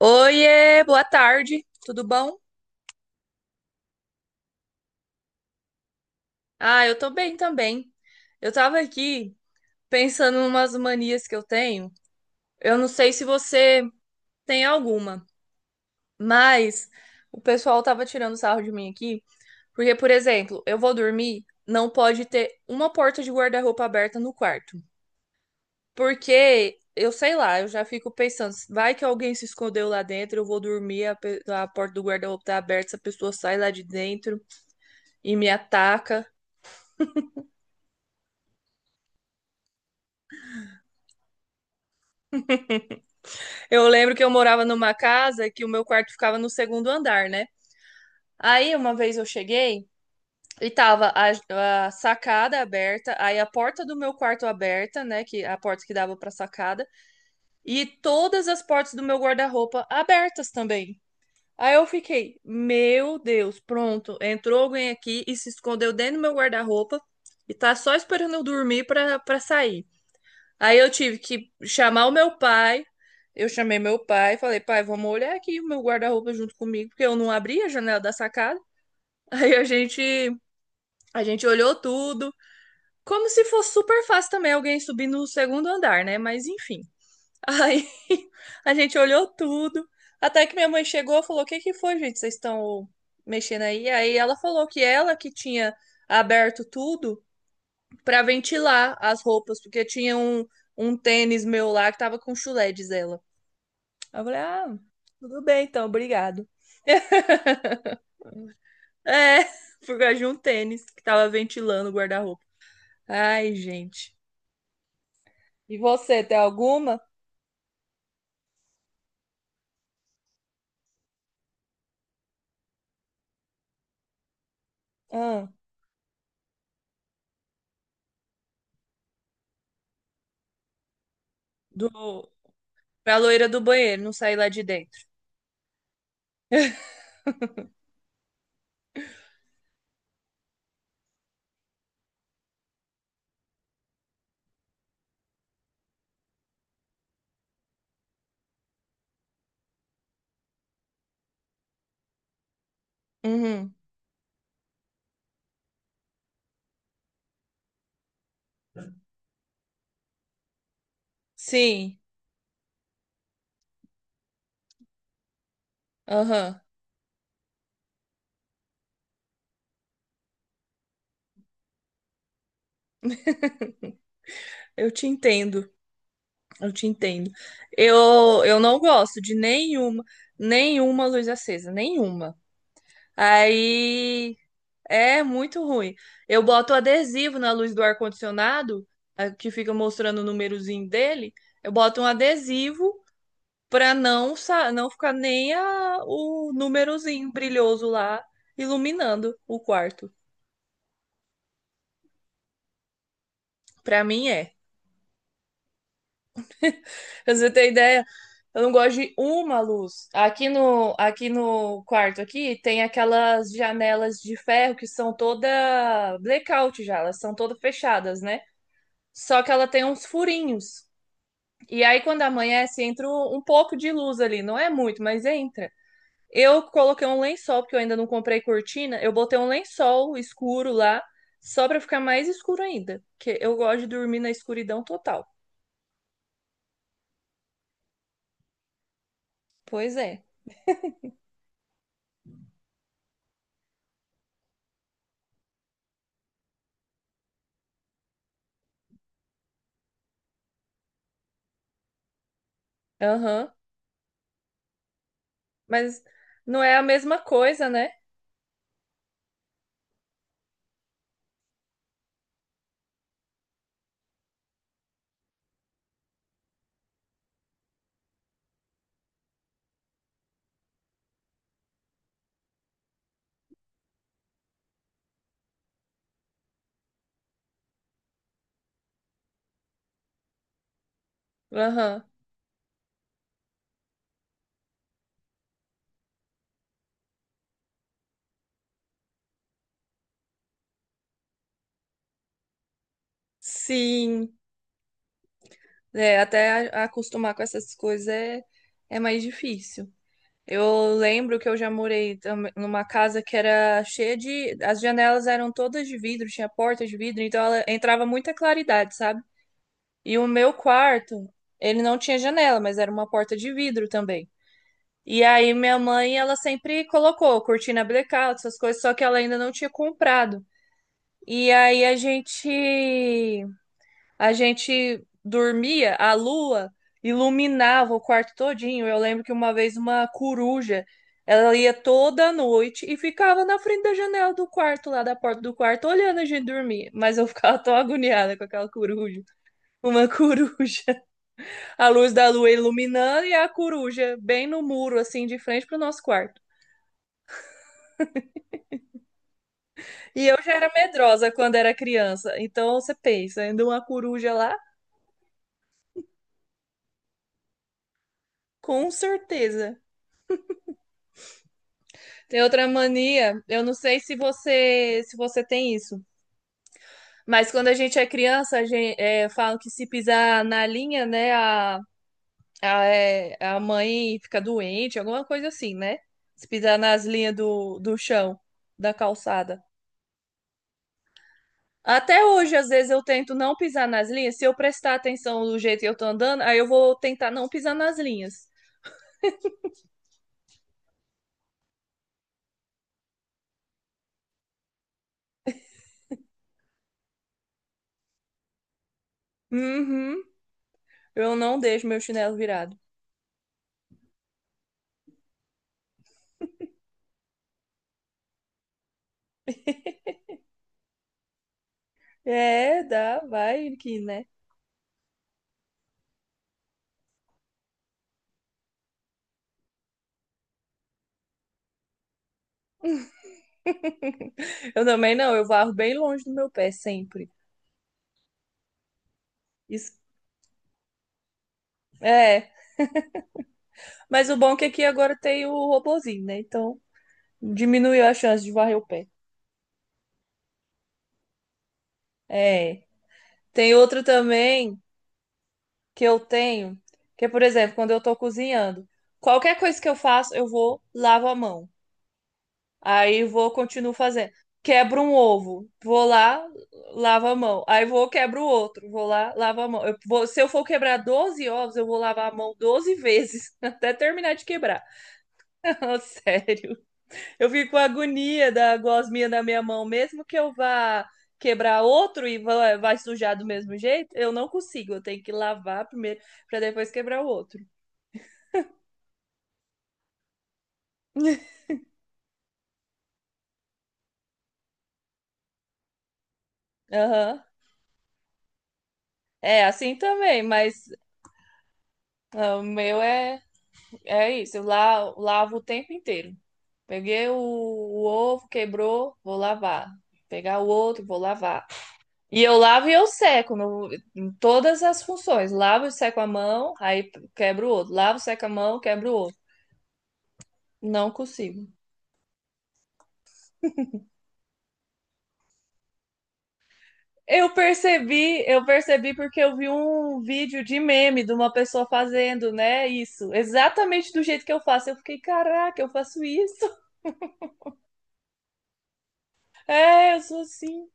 Oiê, boa tarde, tudo bom? Ah, eu tô bem também. Eu tava aqui pensando em umas manias que eu tenho. Eu não sei se você tem alguma, mas o pessoal tava tirando sarro de mim aqui, porque, por exemplo, eu vou dormir, não pode ter uma porta de guarda-roupa aberta no quarto. Porque eu sei lá, eu já fico pensando, vai que alguém se escondeu lá dentro, eu vou dormir, a porta do guarda-roupa tá aberta, essa pessoa sai lá de dentro e me ataca. Eu lembro que eu morava numa casa que o meu quarto ficava no segundo andar, né? Aí uma vez eu cheguei e tava a sacada aberta, aí a porta do meu quarto aberta, né? Que a porta que dava pra sacada, e todas as portas do meu guarda-roupa abertas também. Aí eu fiquei, meu Deus, pronto, entrou alguém aqui e se escondeu dentro do meu guarda-roupa e tá só esperando eu dormir pra sair. Aí eu tive que chamar o meu pai. Eu chamei meu pai, e falei, pai, vamos olhar aqui o meu guarda-roupa junto comigo, porque eu não abri a janela da sacada. Aí a gente olhou tudo, como se fosse super fácil também alguém subir no segundo andar, né? Mas enfim. Aí a gente olhou tudo, até que minha mãe chegou e falou: "O que que foi, gente? Vocês estão mexendo aí?" Aí ela falou que ela que tinha aberto tudo para ventilar as roupas, porque tinha um tênis meu lá que tava com chulé, diz ela. Aí eu falei, ah, tudo bem então, obrigado. É, por causa de um tênis que tava ventilando o guarda-roupa. Ai, gente. E você, tem alguma? Ah, do... Pra loira do banheiro, não sair lá de dentro. Uhum. Sim, aham. Eu te entendo, eu te entendo. Eu não gosto de nenhuma, nenhuma luz acesa, nenhuma. Aí É muito ruim. Eu boto adesivo na luz do ar-condicionado, que fica mostrando o númerozinho dele. Eu boto um adesivo para não, não ficar nem o númerozinho brilhoso lá iluminando o quarto. Para mim é. Pra você ter ideia, eu não gosto de uma luz. Aqui no quarto aqui tem aquelas janelas de ferro que são toda blackout já, elas são todas fechadas, né? Só que ela tem uns furinhos. E aí, quando amanhece, entra um pouco de luz ali. Não é muito, mas entra. Eu coloquei um lençol, porque eu ainda não comprei cortina. Eu botei um lençol escuro lá, só pra ficar mais escuro ainda. Porque eu gosto de dormir na escuridão total. Pois é. Aham. Mas não é a mesma coisa, né? Aham. Sim. É, até acostumar com essas coisas é mais difícil. Eu lembro que eu já morei numa casa que era cheia de. As janelas eram todas de vidro, tinha porta de vidro, então ela entrava muita claridade, sabe? E o meu quarto, ele não tinha janela, mas era uma porta de vidro também. E aí minha mãe, ela sempre colocou cortina blackout, essas coisas, só que ela ainda não tinha comprado. E aí a gente dormia, a lua iluminava o quarto todinho. Eu lembro que uma vez uma coruja, ela ia toda noite e ficava na frente da janela do quarto, lá da porta do quarto, olhando a gente dormir. Mas eu ficava tão agoniada com aquela coruja. Uma coruja. A luz da lua iluminando e a coruja bem no muro, assim, de frente pro nosso quarto. E eu já era medrosa quando era criança. Então você pensa, ainda uma coruja lá? Com certeza. Tem outra mania, eu não sei se você tem isso, mas quando a gente é criança, falam que se pisar na linha, né, a mãe fica doente, alguma coisa assim, né? Se pisar nas linhas do chão, da calçada. Até hoje, às vezes, eu tento não pisar nas linhas. Se eu prestar atenção do jeito que eu tô andando, aí eu vou tentar não pisar nas linhas. Uhum, eu não deixo meu chinelo virado. É, dá, vai que, né? Eu também não, eu varro bem longe do meu pé sempre. Isso é, mas o bom é que aqui agora tem o robozinho, né? Então diminuiu a chance de varrer o pé. É, tem outro também que eu tenho, que é, por exemplo, quando eu tô cozinhando, qualquer coisa que eu faço, eu vou, lavo a mão. Aí vou, continuo fazendo. Quebro um ovo, vou lá, lavo a mão. Aí vou, quebro o outro, vou lá, lavo a mão. Se eu for quebrar 12 ovos, eu vou lavar a mão 12 vezes, até terminar de quebrar. Ah, sério. Eu fico com agonia da gosminha na minha mão, mesmo que eu vá quebrar outro e vai sujar do mesmo jeito, eu não consigo. Eu tenho que lavar primeiro para depois quebrar o outro. Aham. É assim também, mas ah, o meu é é isso. Eu lavo o tempo inteiro. Peguei o ovo, quebrou, vou lavar. Pegar o outro, vou lavar. E eu lavo e eu seco no- em todas as funções. Lavo e seco a mão, aí quebro o outro. Lavo, seco a mão, quebro o outro. Não consigo. Eu percebi porque eu vi um vídeo de meme de uma pessoa fazendo, né? Isso, exatamente do jeito que eu faço. Eu fiquei, caraca, eu faço isso. É, eu sou assim.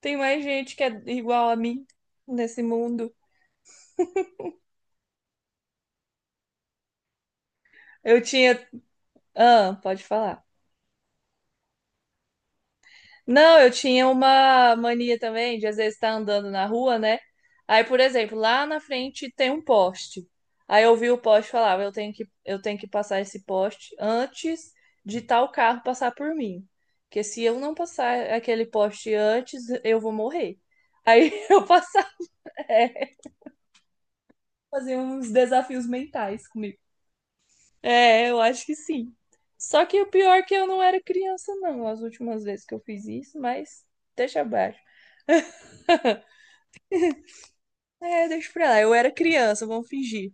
Tem mais gente que é igual a mim nesse mundo. Eu tinha. Ah, pode falar. Não, eu tinha uma mania também de às vezes estar andando na rua, né? Aí, por exemplo, lá na frente tem um poste. Aí eu vi o poste e falava, eu tenho que passar esse poste antes de tal carro passar por mim. Porque se eu não passar aquele poste antes, eu vou morrer. Aí eu passava, é, fazia uns desafios mentais comigo. É, eu acho que sim. Só que o pior é que eu não era criança, não, as últimas vezes que eu fiz isso, mas deixa abaixo. É, deixa pra lá. Eu era criança, vamos fingir.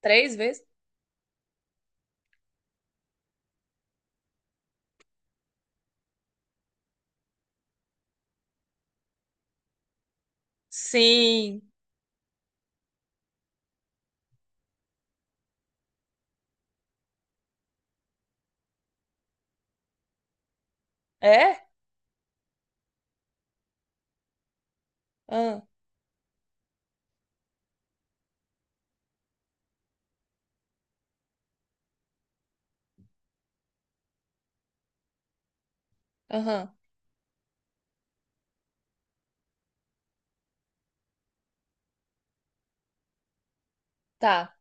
Três vezes? Sim. É? Ah, aham. Tá.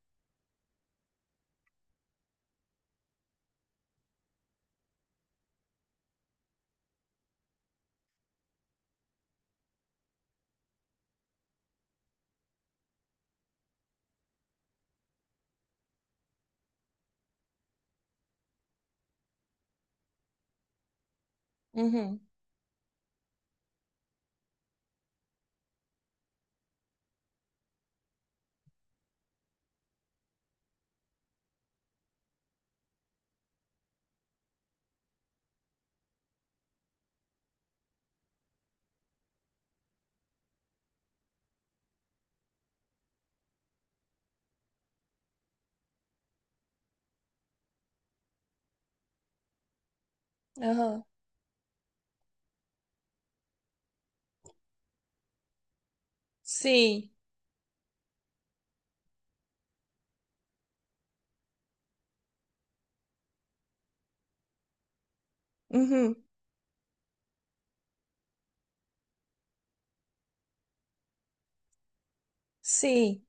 Uhum. Aham. Sim. Uhum. Sim.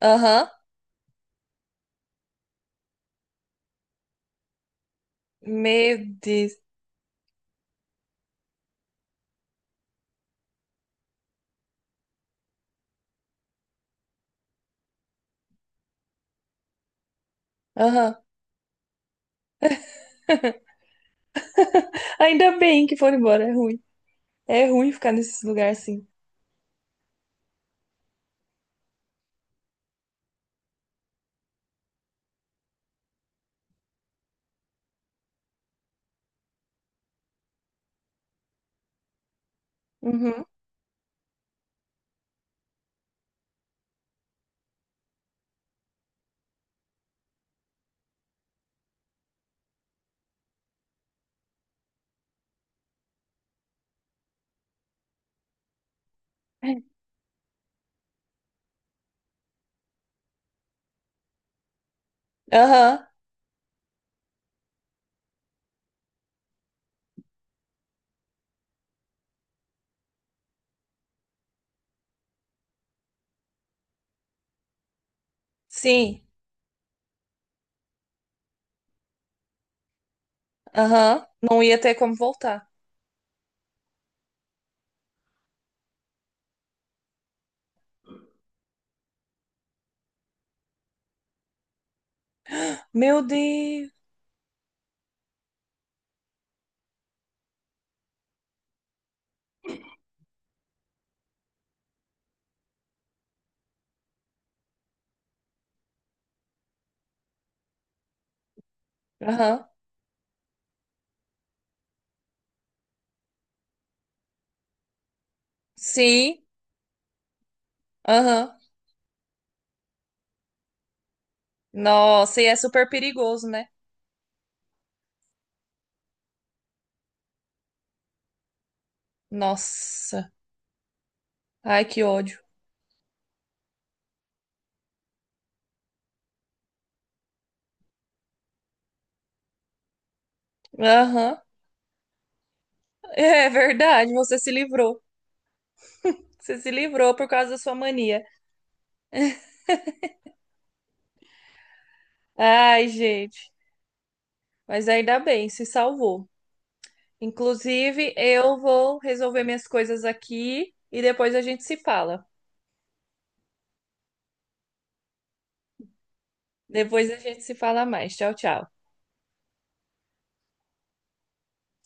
Aham. Meu Deus. Aham. Ainda bem que foram embora. É ruim. É ruim ficar nesses lugares assim. Uhum. Aham. Sim. Aham. Não ia ter como voltar. Meu Deus. Aham. Sim. Aham. Nossa, e é super perigoso, né? Nossa. Ai, que ódio. Aham. É verdade, você se livrou. Você se livrou por causa da sua mania. Ai, gente. Mas ainda bem, se salvou. Inclusive, eu vou resolver minhas coisas aqui e depois a gente se fala. Depois a gente se fala mais. Tchau, tchau.